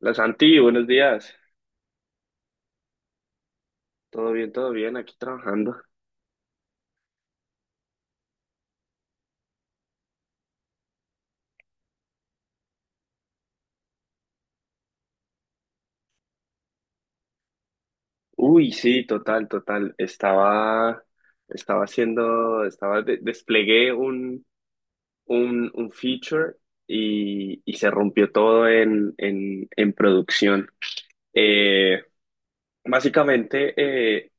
La Santi, buenos días. Todo bien, aquí trabajando. Uy, sí, total, total. Estaba, estaba haciendo, estaba, de- Desplegué un feature y, se rompió todo en producción. Eh, Básicamente, eh,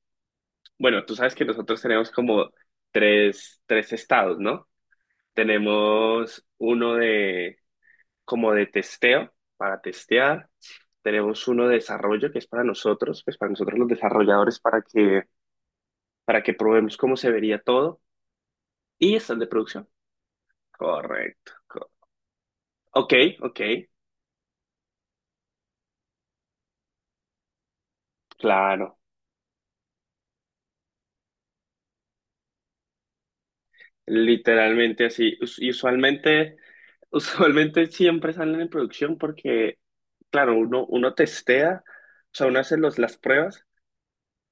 bueno, tú sabes que nosotros tenemos como tres estados, ¿no? Tenemos uno como de testeo, para testear. Tenemos uno de desarrollo que es para nosotros, pues para nosotros los desarrolladores, para que probemos cómo se vería todo. Y está el de producción. Correcto. Ok, ok, claro. Literalmente así. Y usualmente, usualmente siempre salen en producción porque, claro, uno testea, o sea, uno hace las pruebas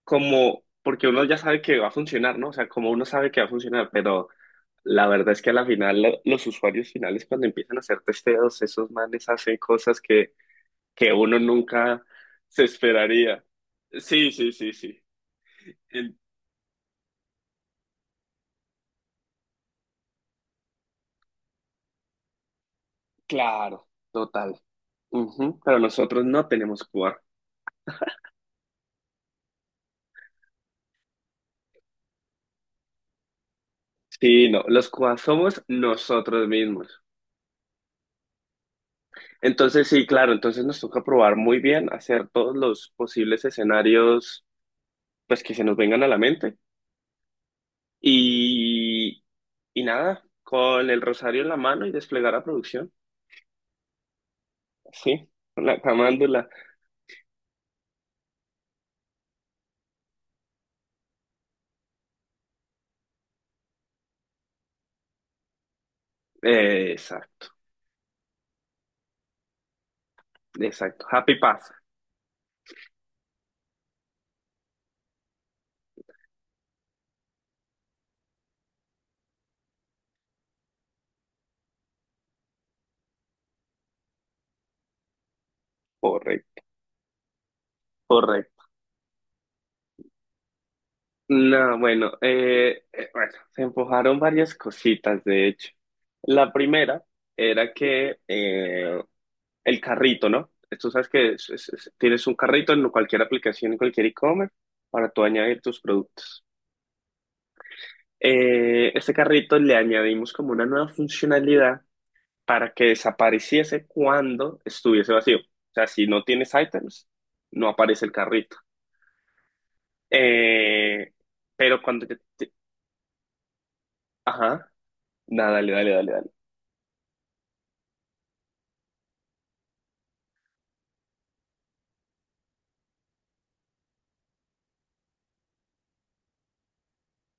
como, porque uno ya sabe que va a funcionar, ¿no? O sea, como uno sabe que va a funcionar, pero la verdad es que a la final los usuarios finales cuando empiezan a hacer testeos, esos manes hacen cosas que uno nunca se esperaría. Sí, sí, sí, sí. El- claro, total. Ujú, pero nosotros no tenemos QA. Sí, no, los QA somos nosotros mismos. Entonces, sí, claro, entonces nos toca probar muy bien, hacer todos los posibles escenarios pues que se nos vengan a la mente. Y, nada, con el rosario en la mano y desplegar a producción. Sí, la camándula. Exacto, exacto. Happy pasa. Correcto, correcto. No, bueno, bueno, se empujaron varias cositas, de hecho. La primera era que el carrito, ¿no? Tú sabes que tienes un carrito en cualquier aplicación, en cualquier e-commerce, para tú añadir tus productos. Este carrito le añadimos como una nueva funcionalidad para que desapareciese cuando estuviese vacío. O sea, si no tienes items, no aparece el carrito. Eh, pero cuando ya te- ajá, nada, dale, dale, dale, dale.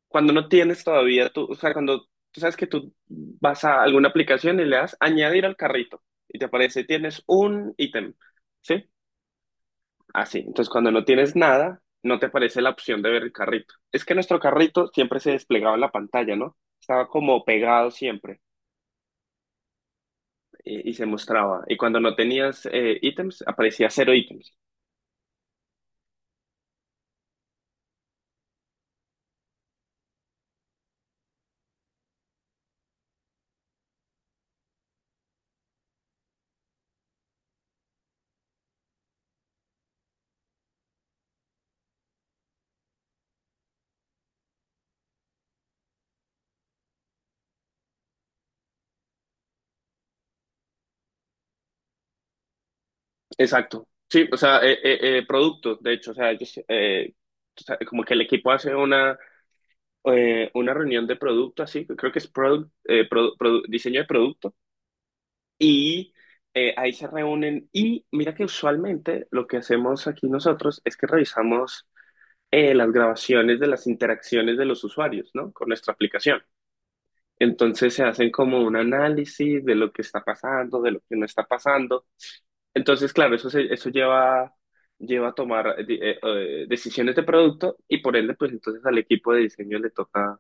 Cuando no tienes todavía tú, o sea, cuando tú sabes que tú vas a alguna aplicación y le das añadir al carrito y te aparece tienes un ítem, ¿sí? Así. Entonces, cuando no tienes nada, no te aparece la opción de ver el carrito. Es que nuestro carrito siempre se desplegaba en la pantalla, ¿no? Estaba como pegado siempre. Y, se mostraba. Y cuando no tenías ítems, aparecía cero ítems. Exacto. Sí, o sea, productos, de hecho, o sea, ellos, o sea, como que el equipo hace una reunión de producto, así, creo que es product, produ- diseño de producto, y ahí se reúnen. Y mira que usualmente lo que hacemos aquí nosotros es que revisamos las grabaciones de las interacciones de los usuarios, ¿no? Con nuestra aplicación. Entonces se hacen como un análisis de lo que está pasando, de lo que no está pasando. Entonces, claro, eso lleva, lleva a tomar decisiones de producto y por ende, pues entonces al equipo de diseño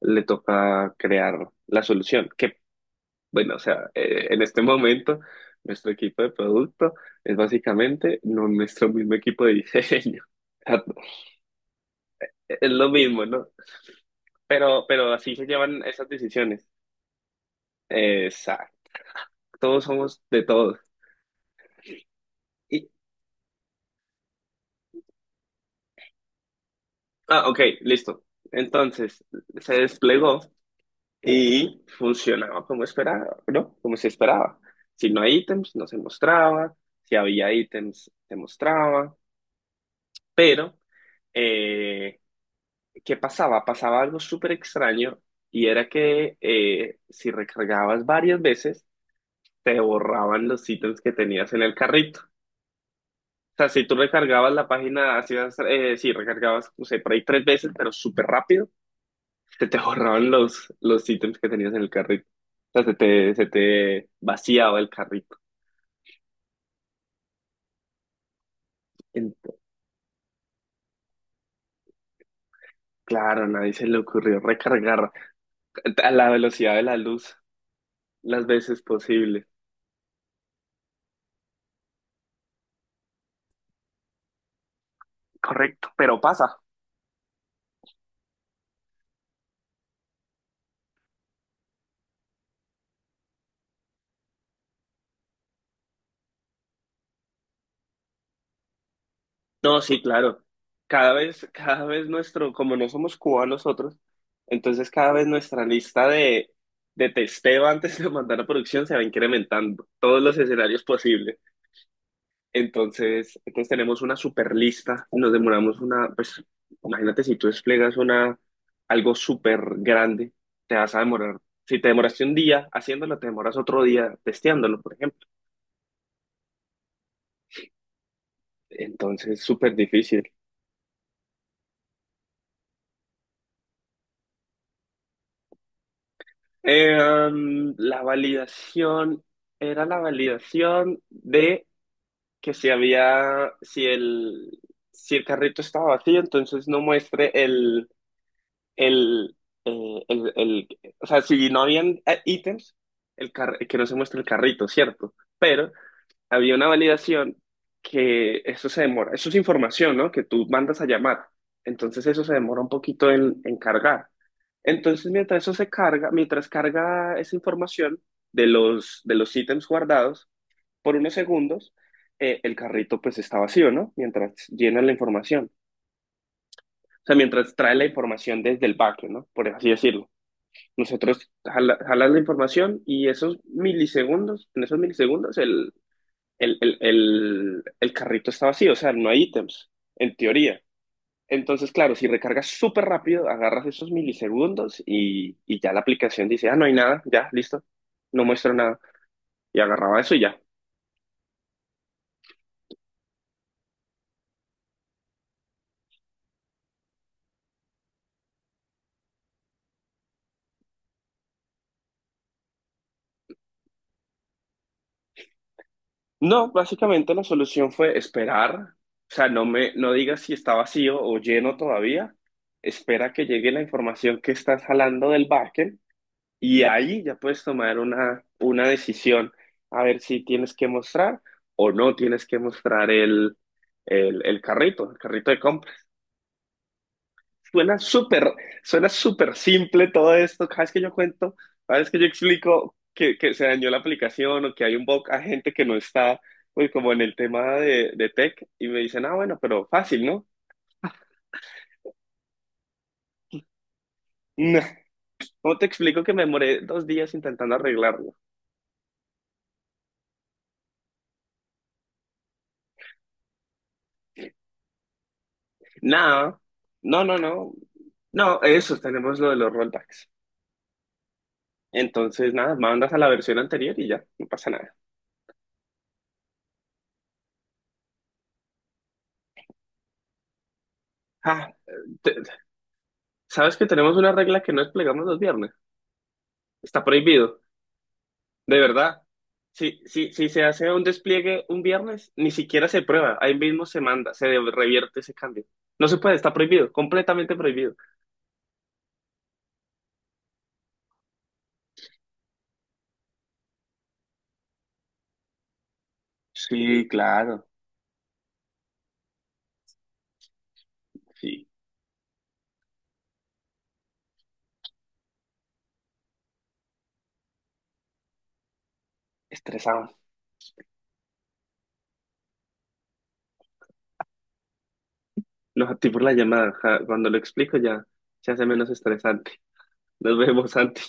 le toca crear la solución. Que, bueno, o sea, en este momento nuestro equipo de producto es básicamente no nuestro mismo equipo de diseño. Es lo mismo, ¿no? Pero así se llevan esas decisiones. Exacto. Todos somos de todos. Y, ah, ok, listo. Entonces se desplegó y funcionaba como esperaba, ¿no? Como se esperaba. Si no hay ítems, no se mostraba. Si había ítems, se mostraba. Pero, eh, ¿qué pasaba? Pasaba algo súper extraño y era que si recargabas varias veces, te borraban los ítems que tenías en el carrito. O sea, si tú recargabas la página, hacías, si recargabas, no sé, por ahí tres veces, pero súper rápido se te ahorraban los ítems que tenías en el carrito. O sea, se te vaciaba el carrito. Ent- claro, a nadie se le ocurrió recargar a la velocidad de la luz las veces posible. Correcto, pero pasa. No, sí, claro. Cada vez nuestro, como no somos cubanos nosotros, entonces cada vez nuestra lista de testeo antes de mandar a producción se va incrementando. Todos los escenarios posibles. Entonces tenemos una super lista, nos demoramos una, pues imagínate si tú desplegas una, algo súper grande, te vas a demorar, si te demoraste un día haciéndolo, te demoras otro día testeándolo, por ejemplo. Entonces, súper difícil. Eh, um, la validación Era la validación de que si había, si el carrito estaba vacío, entonces no muestre el, eh, el, el- o sea, si no habían ítems, que no se muestra el carrito, ¿cierto? Pero había una validación que eso se demora, eso es información, ¿no? Que tú mandas a llamar. Entonces eso se demora un poquito en cargar. Entonces mientras eso se carga, mientras carga esa información de los ítems guardados por unos segundos, el carrito pues está vacío, ¿no? Mientras llena la información. O sea, mientras trae la información desde el backend, ¿no? Por así decirlo. Nosotros jalas la información y esos milisegundos, en esos milisegundos, el carrito está vacío, o sea, no hay ítems, en teoría. Entonces, claro, si recargas súper rápido, agarras esos milisegundos y, ya la aplicación dice, ah, no hay nada, ya, listo, no muestra nada. Y agarraba eso y ya. No, básicamente la solución fue esperar, o sea, no digas si está vacío o lleno todavía, espera que llegue la información que estás jalando del backend. Y ahí ya puedes tomar una decisión, a ver si tienes que mostrar o no tienes que mostrar el carrito de compra. Suena súper, suena súper simple todo esto. Cada vez que yo cuento, cada vez que yo explico que se dañó la aplicación o que hay un bug, a gente que no está pues, como en el tema de tech y me dicen, ah, bueno, pero fácil, ¿no? No. ¿Cómo te explico que me demoré dos días intentando arreglarlo? Nada, no, no, no, no, eso, tenemos lo de los rollbacks. Entonces, nada, mandas a la versión anterior y ya, no pasa nada. Ah, te- ¿sabes que tenemos una regla que no desplegamos los viernes? Está prohibido, de verdad. Si se hace un despliegue un viernes, ni siquiera se prueba, ahí mismo se manda, se revierte ese cambio. No se puede, está prohibido, completamente prohibido. Sí, claro, sí, estresado. No, a ti por la llamada, ja, cuando lo explico ya se hace menos estresante. Nos vemos, Santi.